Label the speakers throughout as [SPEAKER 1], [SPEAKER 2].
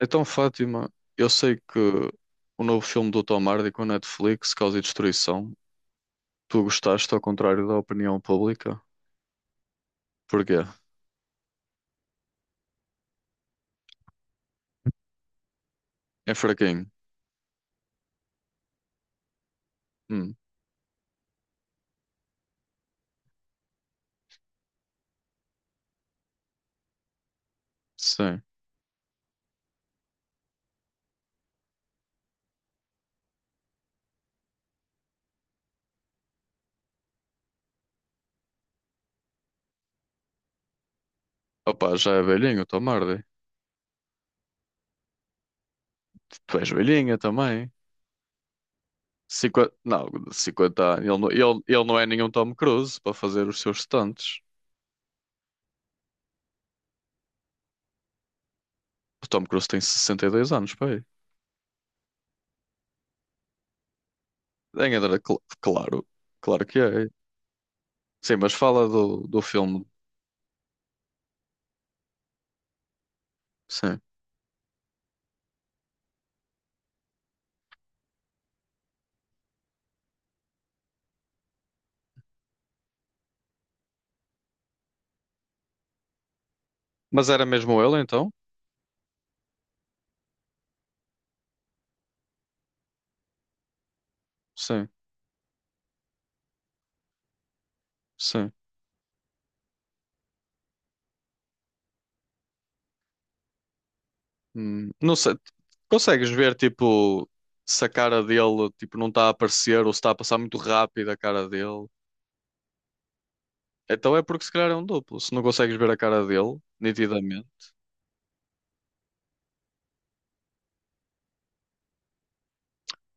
[SPEAKER 1] Então, Fátima, eu sei que o novo filme do Tom Hardy com a Netflix, Causa e Destruição, tu gostaste ao contrário da opinião pública? Porquê? É fraquinho. Hum, sim. Opa, já é velhinho o Tom Hardy. Tu és velhinha também. 50? Não, cinquenta anos. Ele, ele não é nenhum Tom Cruise para fazer os seus stunts. O Tom Cruise tem 62 anos, pai. Em Andrade, claro. Claro que é. Sim, mas fala do filme. Sim. Mas era mesmo ele então? Sim. Sim. Não sei, consegues ver tipo se a cara dele tipo, não está a aparecer ou se está a passar muito rápido a cara dele. Então é porque se calhar é um duplo. Se não consegues ver a cara dele nitidamente,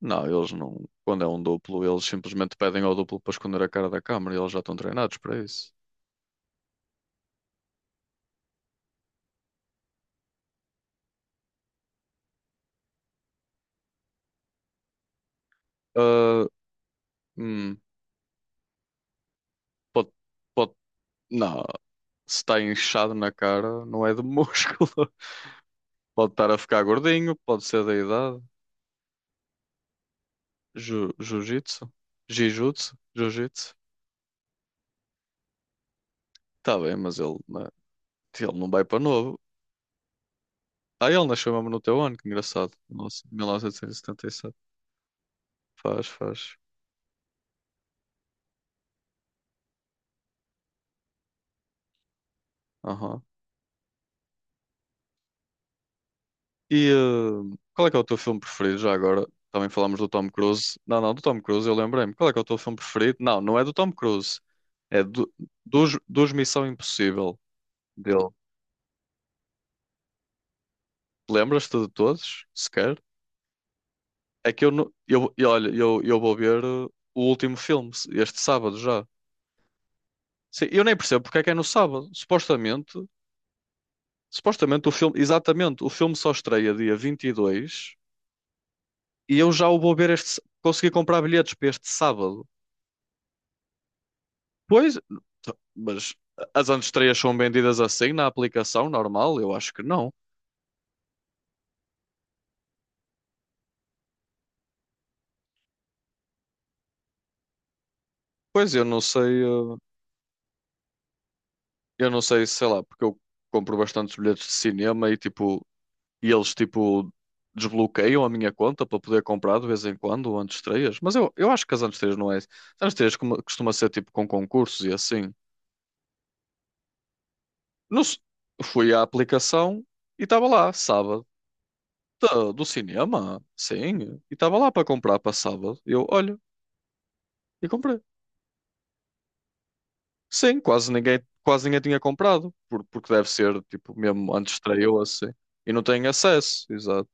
[SPEAKER 1] não, eles não. Quando é um duplo, eles simplesmente pedem ao duplo para esconder a cara da câmara e eles já estão treinados para isso. Ah, hum, pode, pode, não, se está inchado na cara, não é de músculo. Pode estar a ficar gordinho, pode ser da idade. Ju, jiu-jitsu. Tá bem, mas ele, ele não vai para novo. Ah, ele nasceu mesmo no teu ano, que engraçado. Nossa, 1977. Faz, faz. Aham. E qual é que é o teu filme preferido já agora? Também falámos do Tom Cruise. Não, não, do Tom Cruise, eu lembrei-me. Qual é que é o teu filme preferido? Não, não é do Tom Cruise. É dos, dos Missão Impossível dele. Lembras-te de todos, sequer? É que eu, não- eu, e olha, eu vou ver o último filme, este sábado já. Sim, eu nem percebo porque é que é no sábado. Supostamente. Supostamente o filme, exatamente, o filme só estreia dia 22 e eu já o vou ver este, consegui comprar bilhetes para este sábado. Pois, mas as antestreias são vendidas assim na aplicação normal? Eu acho que não. Pois eu não sei, eu não sei, sei lá, porque eu compro bastantes bilhetes de cinema e tipo, e eles tipo desbloqueiam a minha conta para poder comprar de vez em quando antestreias. Mas eu acho que as antestreias não é. As antestreias costuma ser tipo com concursos e assim. Não se- Fui à aplicação e estava lá, sábado. Da- Do cinema? Sim. E estava lá para comprar para sábado. Eu, olha, e comprei. Sim, quase ninguém tinha comprado. Porque deve ser, tipo, mesmo antes de estreou assim. E não têm acesso, exato.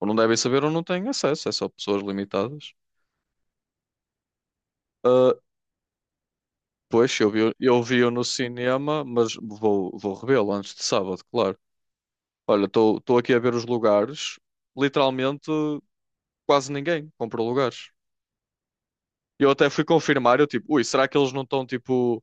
[SPEAKER 1] Ou não devem saber ou não têm acesso. É só pessoas limitadas. Ah, pois, eu vi, eu vi-o no cinema, mas vou, vou revê-lo antes de sábado, claro. Olha, estou aqui a ver os lugares. Literalmente, quase ninguém comprou lugares. Eu até fui confirmar, eu tipo, ui, será que eles não estão tipo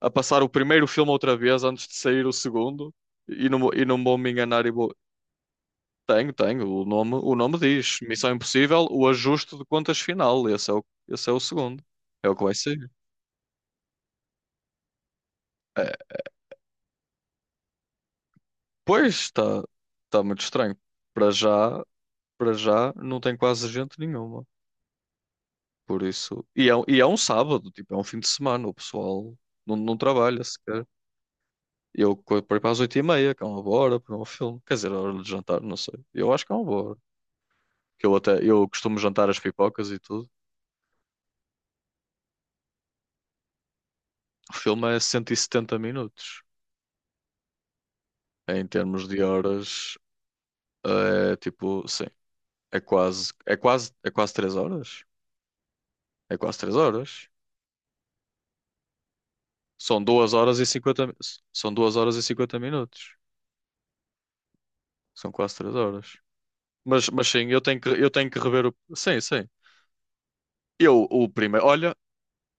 [SPEAKER 1] a passar o primeiro filme outra vez antes de sair o segundo? E não, e não vou me enganar e vou. Tenho, tenho, o nome diz. Missão Impossível, o ajuste de contas final. Esse é esse é o segundo. É o que vai sair. É, pois está muito estranho. Para já, para já não tem quase gente nenhuma. Por isso. E é, e é um sábado, tipo, é um fim de semana, o pessoal não, não trabalha sequer. Por aí para as 8:30, que é uma boa hora para um filme. Quer dizer, a hora de jantar, não sei. Eu acho que é uma boa hora. Que eu até, eu costumo jantar as pipocas e tudo. O filme é 170 minutos. Em termos de horas, é tipo, sim, é quase, é quase três horas. É quase três horas. São duas horas e 50 mi- São duas horas e 50 minutos. São quase três horas. Mas sim, eu tenho que rever o, sim, sim. Eu, o primeiro, olha,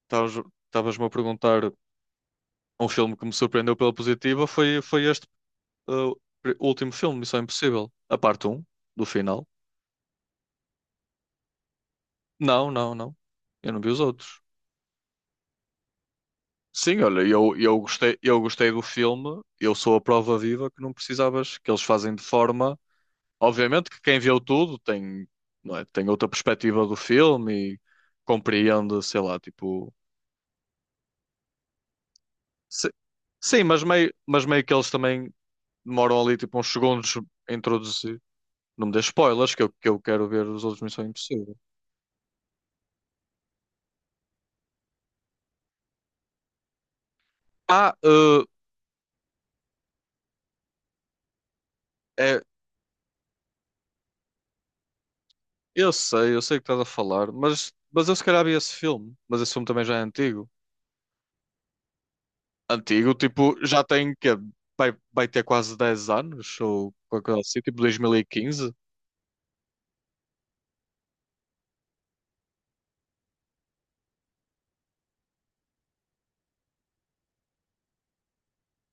[SPEAKER 1] estavas- estavas-me a perguntar. Um filme que me surpreendeu pela positiva foi, foi este uh, último filme, Missão Impossível. A parte um do final. Não, não, não. Eu não vi os outros. Sim, olha, eu gostei do filme. Eu sou a prova viva que não precisavas, que eles fazem de forma. Obviamente que quem viu tudo tem, não é, tem outra perspectiva do filme e compreende, sei lá, tipo. se- Sim, mas meio que eles também demoram ali tipo uns segundos a introduzir. Não me dê spoilers, que eu quero ver os outros Missão Impossível. Ah, uh, É, eu sei o que estás a falar, mas eu se calhar vi esse filme. Mas esse filme também já é antigo. Antigo, tipo, já tem que é, vai ter quase 10 anos, ou qualquer coisa assim, tipo 2015.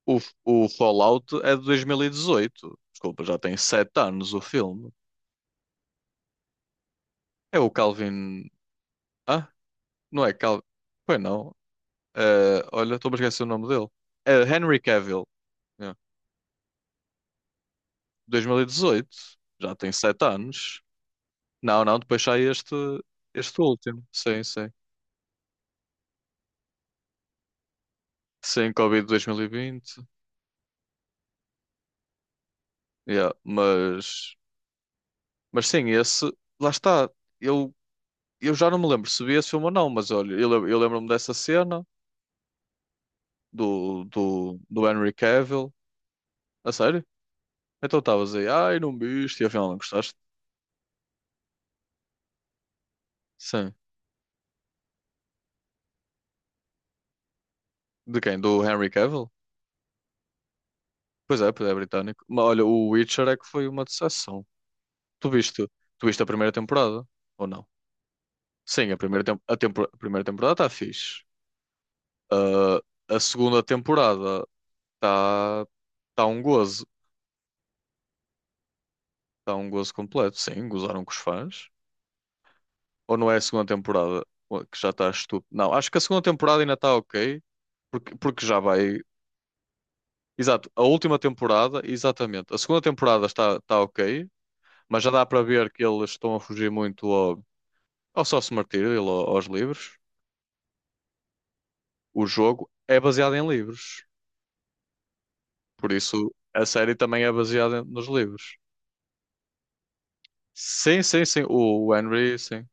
[SPEAKER 1] O, o Fallout é de 2018. Desculpa, já tem 7 anos o filme. É o Calvin. Ah, não é Calvin. Pois não. Olha, estou a esquecer o nome dele. É Henry Cavill. Yeah. 2018, já tem sete anos. Não, não, depois sai este, este último. Sim, sim. Sim, Covid 2020. Yeah, mas sim, esse, lá está. Eu, eu já não me lembro se vi esse filme ou não, mas olha, eu, eu lembro-me dessa cena do Henry Cavill. A sério? Então estavas aí, ai, não viste, e afinal não gostaste? Sim. De quem? Do Henry Cavill? Pois é, é britânico. Mas olha, o Witcher é que foi uma decepção. Tu viste, tu viste a primeira temporada? Ou não? Sim, a primeira, a primeira temporada está fixe. Ah, a segunda temporada está tá um gozo. Está um gozo completo. Sim, gozaram com os fãs. Ou não é a segunda temporada que já está estúpido? Não, acho que a segunda temporada ainda está ok. Porque, porque já vai. Exato, a última temporada, exatamente. A segunda temporada está, está ok, mas já dá para ver que eles estão a fugir muito ao sócio martírio, aos livros. O jogo é baseado em livros. Por isso, a série também é baseada nos livros. Sim, sim, sim. O Henry, sim.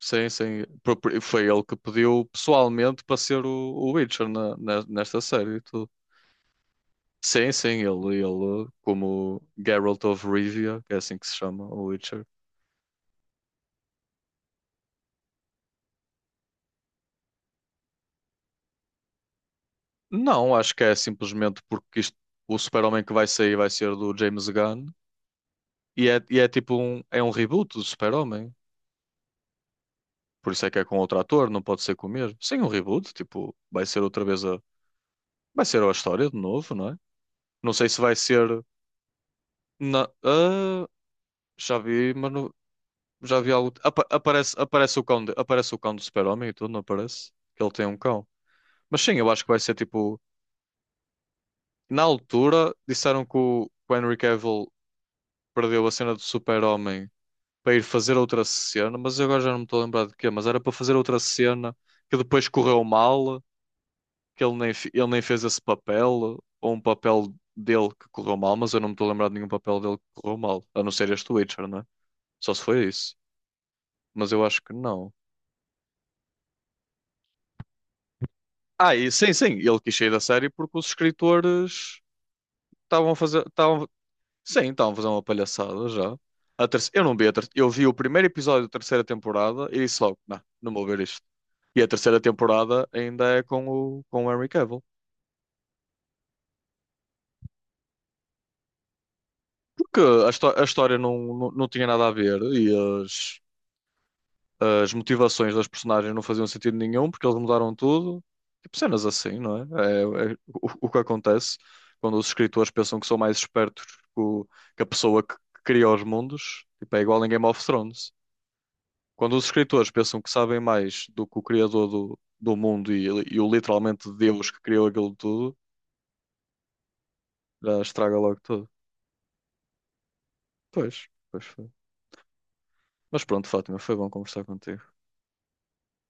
[SPEAKER 1] Sim, sim. Foi ele que pediu pessoalmente para ser o Witcher nesta série e tudo. Sim, sim, ele, como Geralt of Rivia, que é assim que se chama, o Witcher. Não, acho que é simplesmente porque isto, o Super-Homem que vai sair vai ser do James Gunn e é tipo um, é um reboot do Super-Homem. Por isso é que é com outro ator, não pode ser com o mesmo. Sim, um reboot, tipo, vai ser outra vez a, vai ser a história de novo, não é? Não sei se vai ser. Na, ah, já vi, já vi algo. Aparece, aparece o cão de, aparece o cão do Super-Homem e tudo, não aparece? Que ele tem um cão. Mas sim, eu acho que vai ser tipo. Na altura, disseram que que o Henry Cavill perdeu a cena do Super-Homem para ir fazer outra cena, mas eu agora já não me estou a lembrar de quê. Mas era para fazer outra cena que depois correu mal, que ele nem, ele nem fez esse papel, ou um papel dele que correu mal, mas eu não me estou a lembrar de nenhum papel dele que correu mal, a não ser este Witcher, não é? Só se foi isso, mas eu acho que não. Ah, e sim, sim, ele quis sair da série porque os escritores estavam a fazer, estavam, sim, estavam a fazer uma palhaçada já. Eu não vi eu vi o primeiro episódio da terceira temporada e disse logo, não, não vou ver isto. E a terceira temporada ainda é com com o Henry Cavill. Porque a, a história não tinha nada a ver e as, as motivações das personagens não faziam sentido nenhum porque eles mudaram tudo. Tipo cenas assim, não é? É, é o que acontece quando os escritores pensam que são mais espertos que, que a pessoa que cria os mundos. Tipo, é igual em Game of Thrones. Quando os escritores pensam que sabem mais do que o criador do mundo e o literalmente Deus que criou aquilo tudo, já estraga logo tudo. Pois, pois foi. Mas pronto, Fátima, foi bom conversar contigo.